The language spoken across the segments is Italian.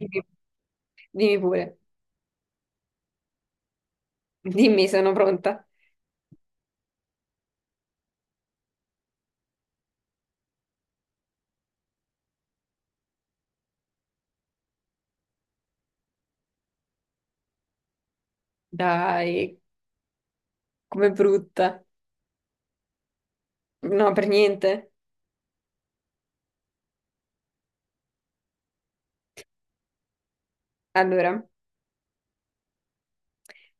Dimmi dimmi pure, dimmi, sono pronta. Dai, com'è brutta. No, per niente. Allora,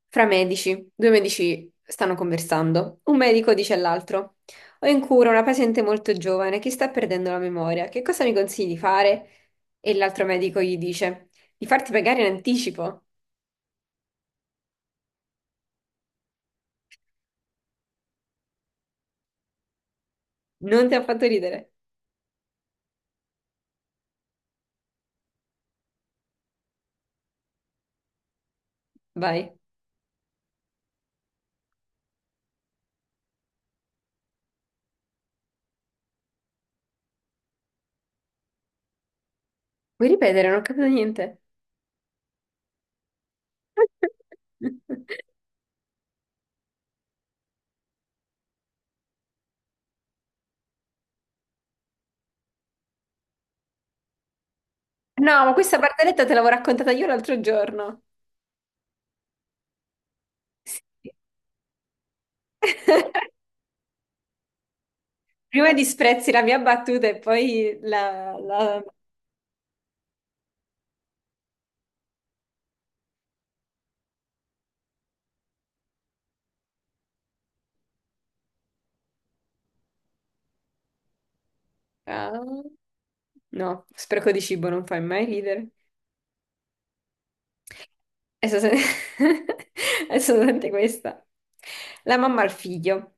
fra medici, due medici stanno conversando. Un medico dice all'altro: ho in cura una paziente molto giovane che sta perdendo la memoria. Che cosa mi consigli di fare? E l'altro medico gli dice: di farti pagare in anticipo. Non ti ha fatto ridere. Vai. Vuoi ripetere? Non ho capito niente. No, ma questa barzelletta te l'avevo raccontata io l'altro giorno. Sì. Prima disprezzi la mia battuta e poi. Ah, no, spreco di cibo non fai mai ridere. Adesso se- adesso senti questa. La mamma al figlio: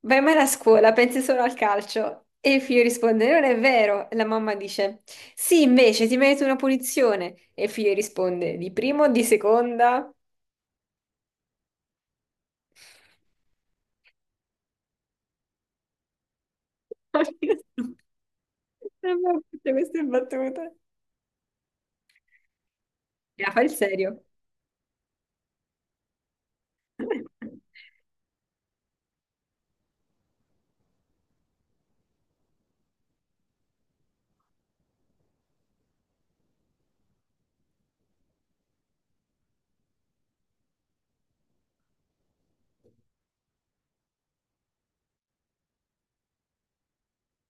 vai mai a scuola, pensi solo al calcio. E il figlio risponde: non è vero. E la mamma dice: sì, invece ti meriti una punizione. E il figlio risponde: di prima o di seconda? Non mi- non mi- Tutte queste battute. La fa il serio.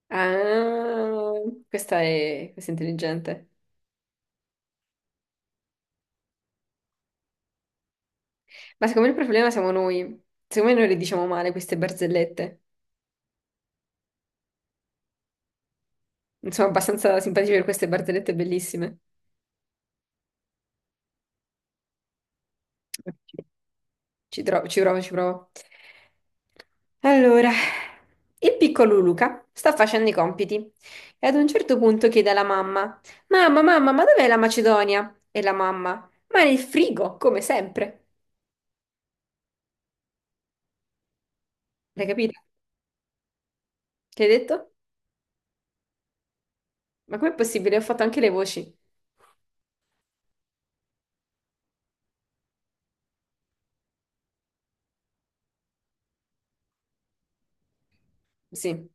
Ah, questa è intelligente. Ma secondo me il problema siamo noi. Secondo me noi le diciamo male queste barzellette. Non sono abbastanza simpatici per queste barzellette bellissime. Ci provo, ci provo. Allora, il piccolo Luca sta facendo i compiti e ad un certo punto chiede alla mamma: mamma, mamma, ma dov'è la Macedonia? E la mamma: ma nel frigo, come sempre. L'hai capito? Che hai detto? Ma com'è possibile? Ho fatto anche le voci. Sì,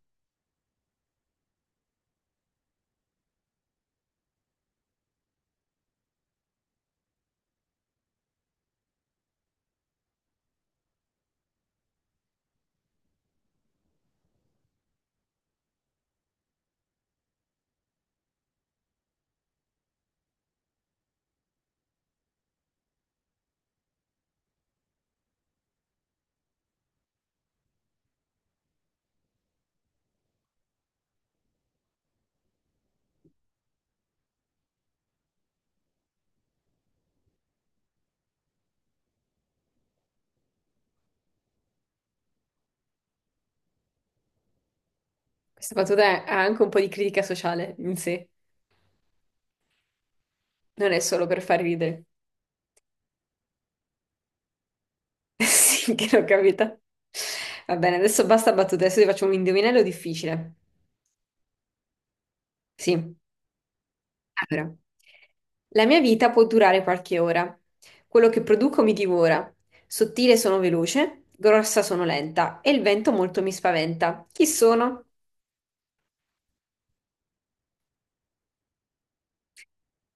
questa battuta ha anche un po' di critica sociale in sé, non è solo per far ridere. Sì, che l'ho capita. Va bene, adesso basta battute, adesso ti faccio un indovinello difficile. Sì, allora. La mia vita può durare qualche ora. Quello che produco mi divora. Sottile sono veloce, grossa sono lenta e il vento molto mi spaventa. Chi sono?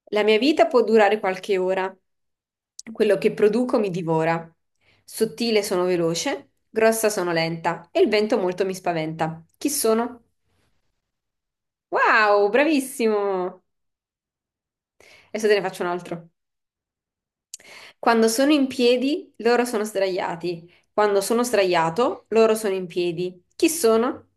La mia vita può durare qualche ora. Quello che produco mi divora. Sottile sono veloce, grossa sono lenta e il vento molto mi spaventa. Chi sono? Wow, bravissimo! Adesso te ne faccio un altro. Quando sono in piedi, loro sono sdraiati. Quando sono sdraiato, loro sono in piedi. Chi sono?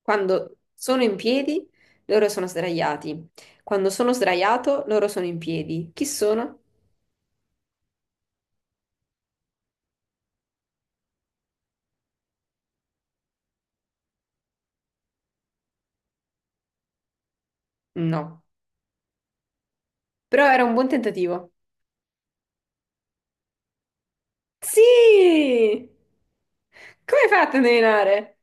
Quando sono in piedi, loro sono sdraiati. Quando sono sdraiato, loro sono in piedi. Chi sono? No. Però era un buon tentativo. Sì! Come hai fatto a indovinare?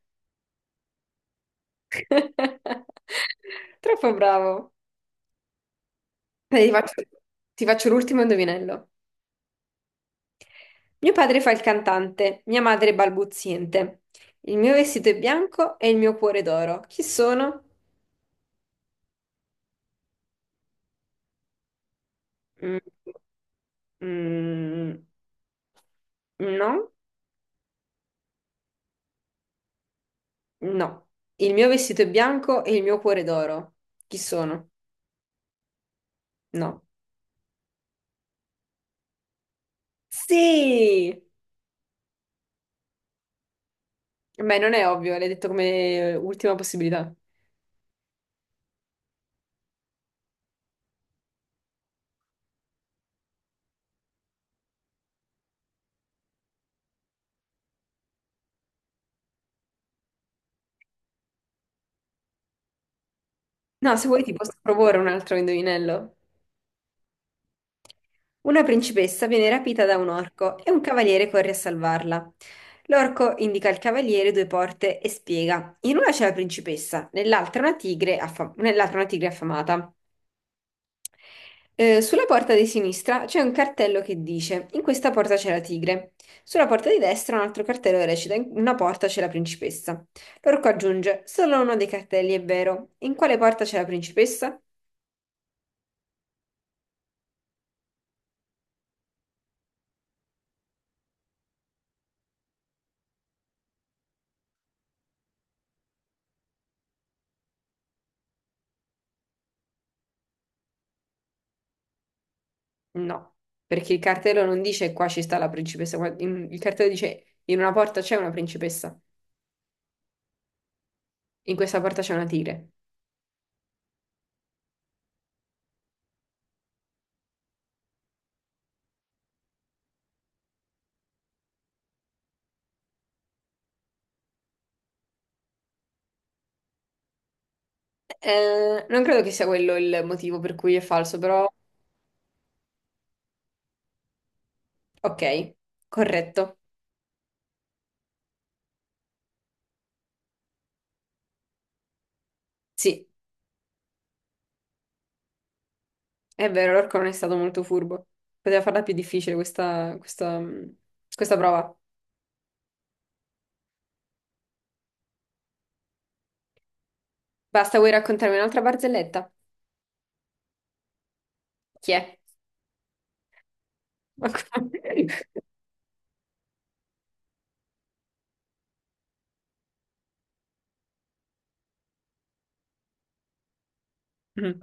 Troppo bravo. Dai, ti faccio l'ultimo indovinello. Mio padre fa il cantante, mia madre è balbuziente. Il mio vestito è bianco e il mio cuore è d'oro. Chi sono? Mm, mm, no, no. Il mio vestito è bianco e il mio cuore è d'oro. Chi sono? No. Sì! Beh, non è ovvio, l'hai detto come ultima possibilità. No, se vuoi ti posso proporre un altro indovinello. Una principessa viene rapita da un orco e un cavaliere corre a salvarla. L'orco indica al cavaliere due porte e spiega. In una c'è la principessa, nell'altra una tigre affamata. Sulla porta di sinistra c'è un cartello che dice: in questa porta c'è la tigre. Sulla porta di destra un altro cartello che recita: in una porta c'è la principessa. L'orco aggiunge: solo uno dei cartelli è vero. In quale porta c'è la principessa? No, perché il cartello non dice qua ci sta la principessa, il cartello dice in una porta c'è una principessa, in questa porta c'è una tigre. Non credo che sia quello il motivo per cui è falso, però ok, corretto. Sì, è vero, l'orco non è stato molto furbo. Poteva farla più difficile questa prova. Basta, vuoi raccontarmi un'altra barzelletta? Chi è? Ma come- Mm.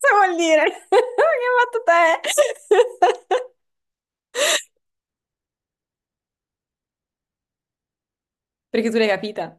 Cosa vuol dire? Che hai fatto te? Perché tu l'hai capita?